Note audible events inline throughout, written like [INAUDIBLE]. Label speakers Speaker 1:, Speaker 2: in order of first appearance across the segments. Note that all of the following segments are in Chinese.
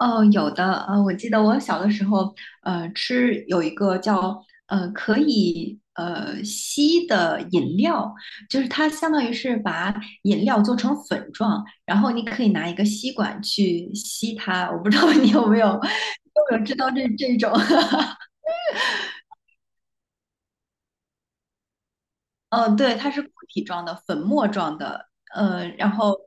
Speaker 1: 哦，有的，我记得我小的时候，吃有一个叫可以吸的饮料，就是它相当于是把饮料做成粉状，然后你可以拿一个吸管去吸它。我不知道你有没有 [LAUGHS] 有没有知道这种，[LAUGHS] 对，它是固体状的、粉末状的，然后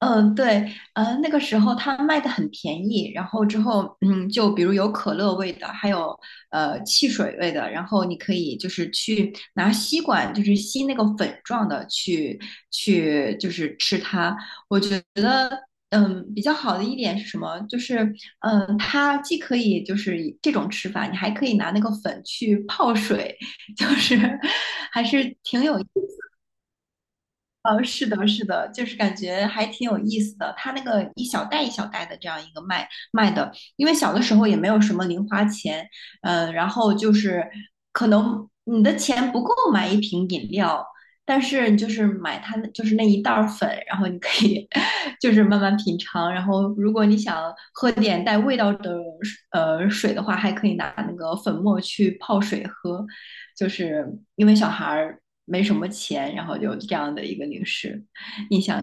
Speaker 1: 嗯，对，那个时候它卖的很便宜，然后之后，就比如有可乐味的，还有汽水味的，然后你可以就是去拿吸管，就是吸那个粉状的去就是吃它。我觉得，比较好的一点是什么？就是，它既可以就是以这种吃法，你还可以拿那个粉去泡水，[LAUGHS] 就是是的，是的，就是感觉还挺有意思的。他那个一小袋一小袋的这样一个卖的，因为小的时候也没有什么零花钱，然后就是可能你的钱不够买一瓶饮料，但是你就是买它那就是那一袋儿粉，然后你可以 [LAUGHS] 就是慢慢品尝。然后如果你想喝点带味道的水的话，还可以拿那个粉末去泡水喝。就是因为小孩没什么钱，然后有这样的一个零食，印象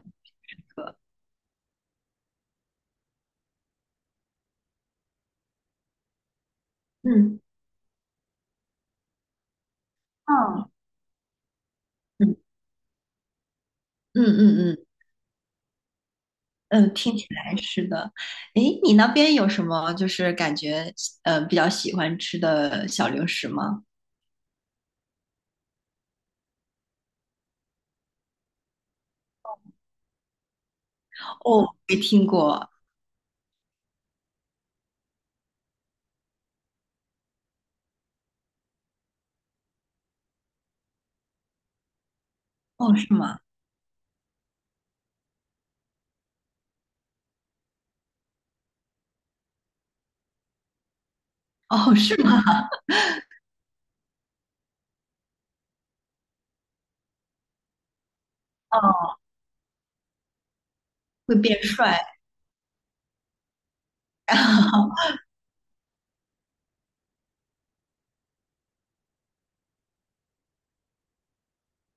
Speaker 1: 刻。嗯嗯，嗯嗯嗯嗯嗯，听起来是的。诶，你那边有什么就是感觉比较喜欢吃的小零食吗？哦，没听过。哦，是吗？哦，是吗？哦，会变帅。[LAUGHS]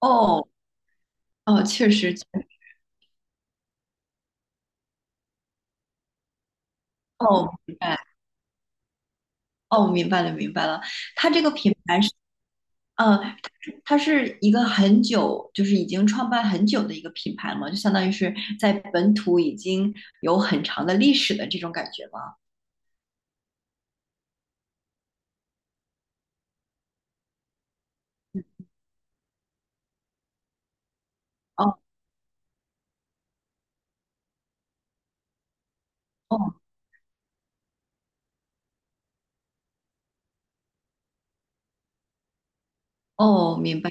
Speaker 1: 哦哦，确实，确实。哦，明白，哦，明白了，明白了。它这个品牌是。嗯，它是一个很久，就是已经创办很久的一个品牌了嘛，就相当于是在本土已经有很长的历史的这种感觉吗？哦哦哦，明白。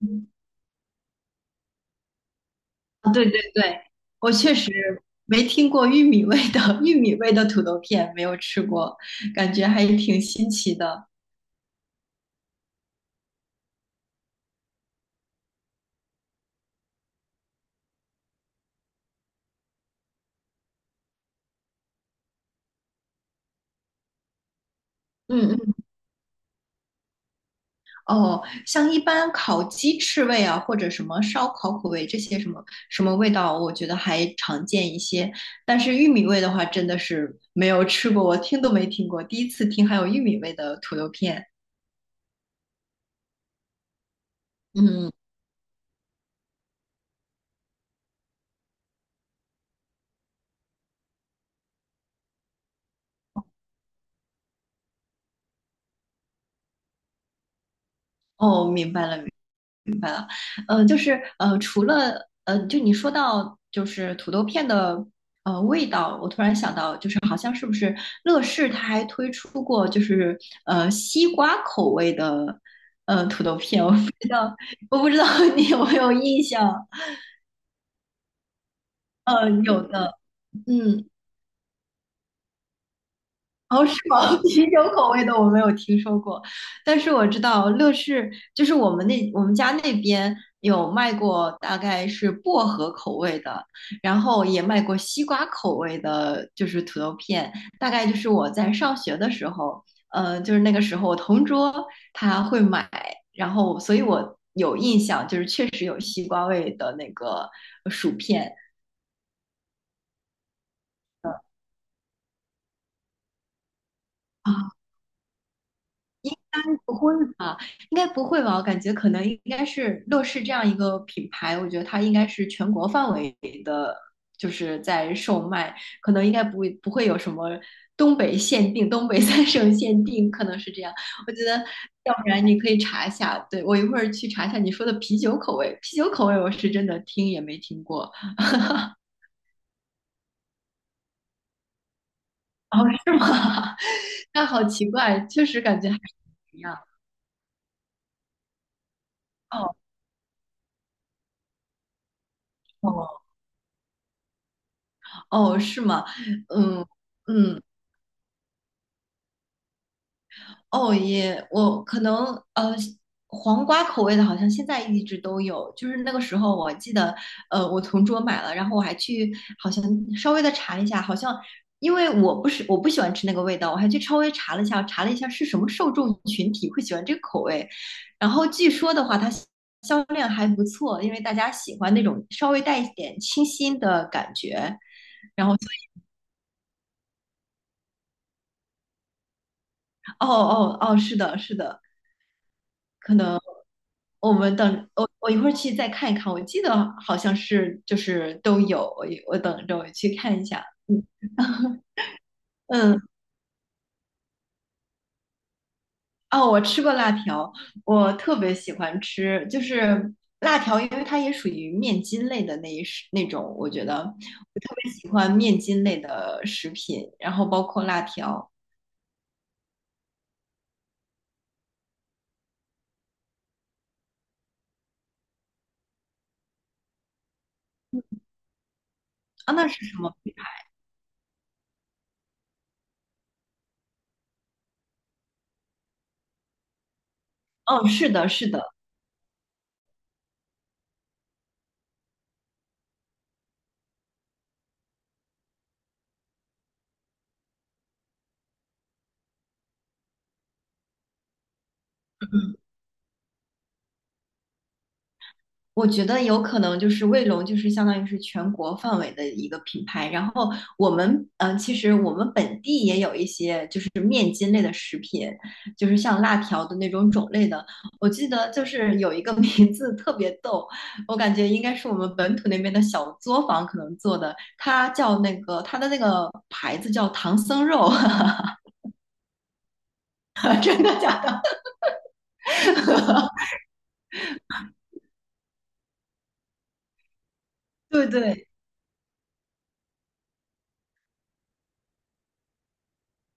Speaker 1: 嗯，啊对对对，我确实没听过玉米味的 [LAUGHS] 玉米味的土豆片，没有吃过，感觉还挺新奇的。嗯，哦，像一般烤鸡翅味啊，或者什么烧烤口味这些什么什么味道，我觉得还常见一些。但是玉米味的话，真的是没有吃过，我听都没听过，第一次听还有玉米味的土豆片。嗯，哦，明白了，就是除了就你说到就是土豆片的味道，我突然想到，就是好像是不是乐事它还推出过就是西瓜口味的土豆片，我不知道 [LAUGHS] 你有没有印象，有的，嗯，哦，是吗？[LAUGHS] 啤酒口味的我没有听说过，但是我知道乐事就是我们家那边有卖过，大概是薄荷口味的，然后也卖过西瓜口味的，就是土豆片，大概就是我在上学的时候，就是那个时候我同桌他会买，然后所以我有印象，就是确实有西瓜味的那个薯片。啊，不会吧？[LAUGHS] 应该不会吧？我感觉可能应该是乐视这样一个品牌，我觉得它应该是全国范围的，就是在售卖，可能应该不会有什么东北限定、东北三省限定，可能是这样。我觉得，要不然你可以查一下，对，我一会儿去查一下你说的啤酒口味，[LAUGHS] 啤酒口味我是真的听也没听过。[LAUGHS] 哦，是吗？[LAUGHS] 那好奇怪，确实感觉还是不一样。哦哦哦，是吗？嗯嗯，哦也，我可能呃，黄瓜口味的，好像现在一直都有。就是那个时候，我记得，我同桌买了，然后我还去好像稍微的查一下，好像因为我不喜欢吃那个味道，我还去稍微查了一下，是什么受众群体会喜欢这个口味。然后据说的话，它销量还不错，因为大家喜欢那种稍微带一点清新的感觉。然后，哦哦哦，是的，是的。可能我们等我一会儿去再看一看，我记得好像是就是都有，我等着我去看一下。嗯 [LAUGHS] 嗯，哦，我吃过辣条，我特别喜欢吃，就是辣条，因为它也属于面筋类的那一食那种，我觉得我特别喜欢面筋类的食品，然后包括辣条啊，那是什么？哦，是的，是的，我觉得有可能就是卫龙，就是相当于是全国范围的一个品牌。然后我们，其实我们本地也有一些就是面筋类的食品，就是像辣条的那种种类的。我记得就是有一个 [LAUGHS] 名字特别逗，我感觉应该是我们本土那边的小作坊可能做的，它的那个牌子叫唐僧肉，[LAUGHS] 真的假的？[LAUGHS] 对对，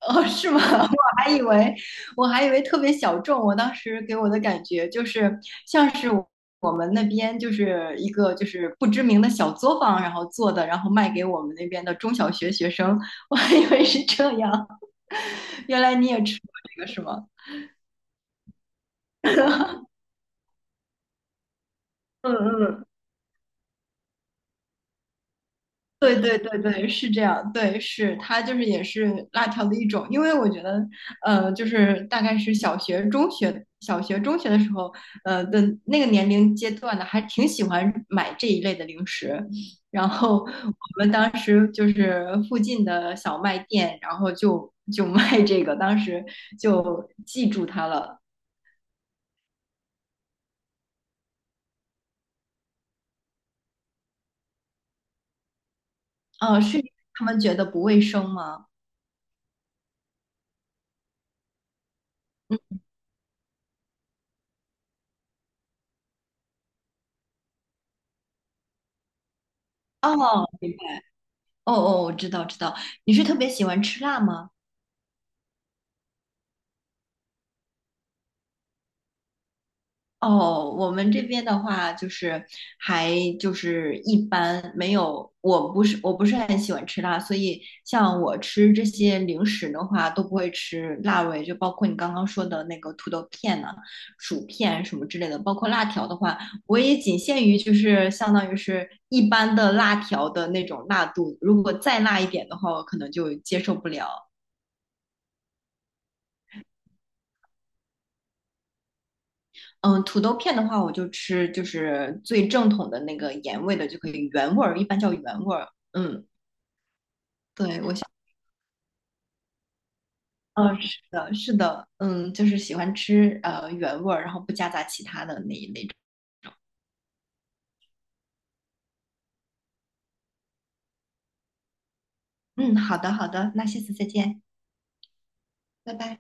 Speaker 1: 哦，是吗？[LAUGHS] 我还以为我还以为特别小众。我当时给我的感觉就是像是我们那边就是一个就是不知名的小作坊，然后做的，然后卖给我们那边的中小学学生。[LAUGHS] 我还以为是这样，[LAUGHS] 原来你也吃过这个是吗？嗯嗯，对对对对，是这样，对，是它就是也是辣条的一种，因为我觉得，就是大概是小学、中学、小学、中学的时候，的那个年龄阶段的，还挺喜欢买这一类的零食。然后我们当时就是附近的小卖店，然后就卖这个，当时就记住它了。哦，是他们觉得不卫生吗？哦，明白。哦哦，我知道知道。你是特别喜欢吃辣吗？哦，我们这边的话就是还就是一般没有，我不是很喜欢吃辣，所以像我吃这些零食的话都不会吃辣味，就包括你刚刚说的那个土豆片呐、薯片什么之类的，包括辣条的话，我也仅限于就是相当于是一般的辣条的那种辣度，如果再辣一点的话，我可能就接受不了。嗯，土豆片的话，我就吃就是最正统的那个盐味的就可以，原味儿一般叫原味儿。嗯，对，我想，嗯，是的，是的，嗯，就是喜欢吃原味儿，然后不夹杂其他的那一类种。嗯，好的，好的，那下次再见，拜拜。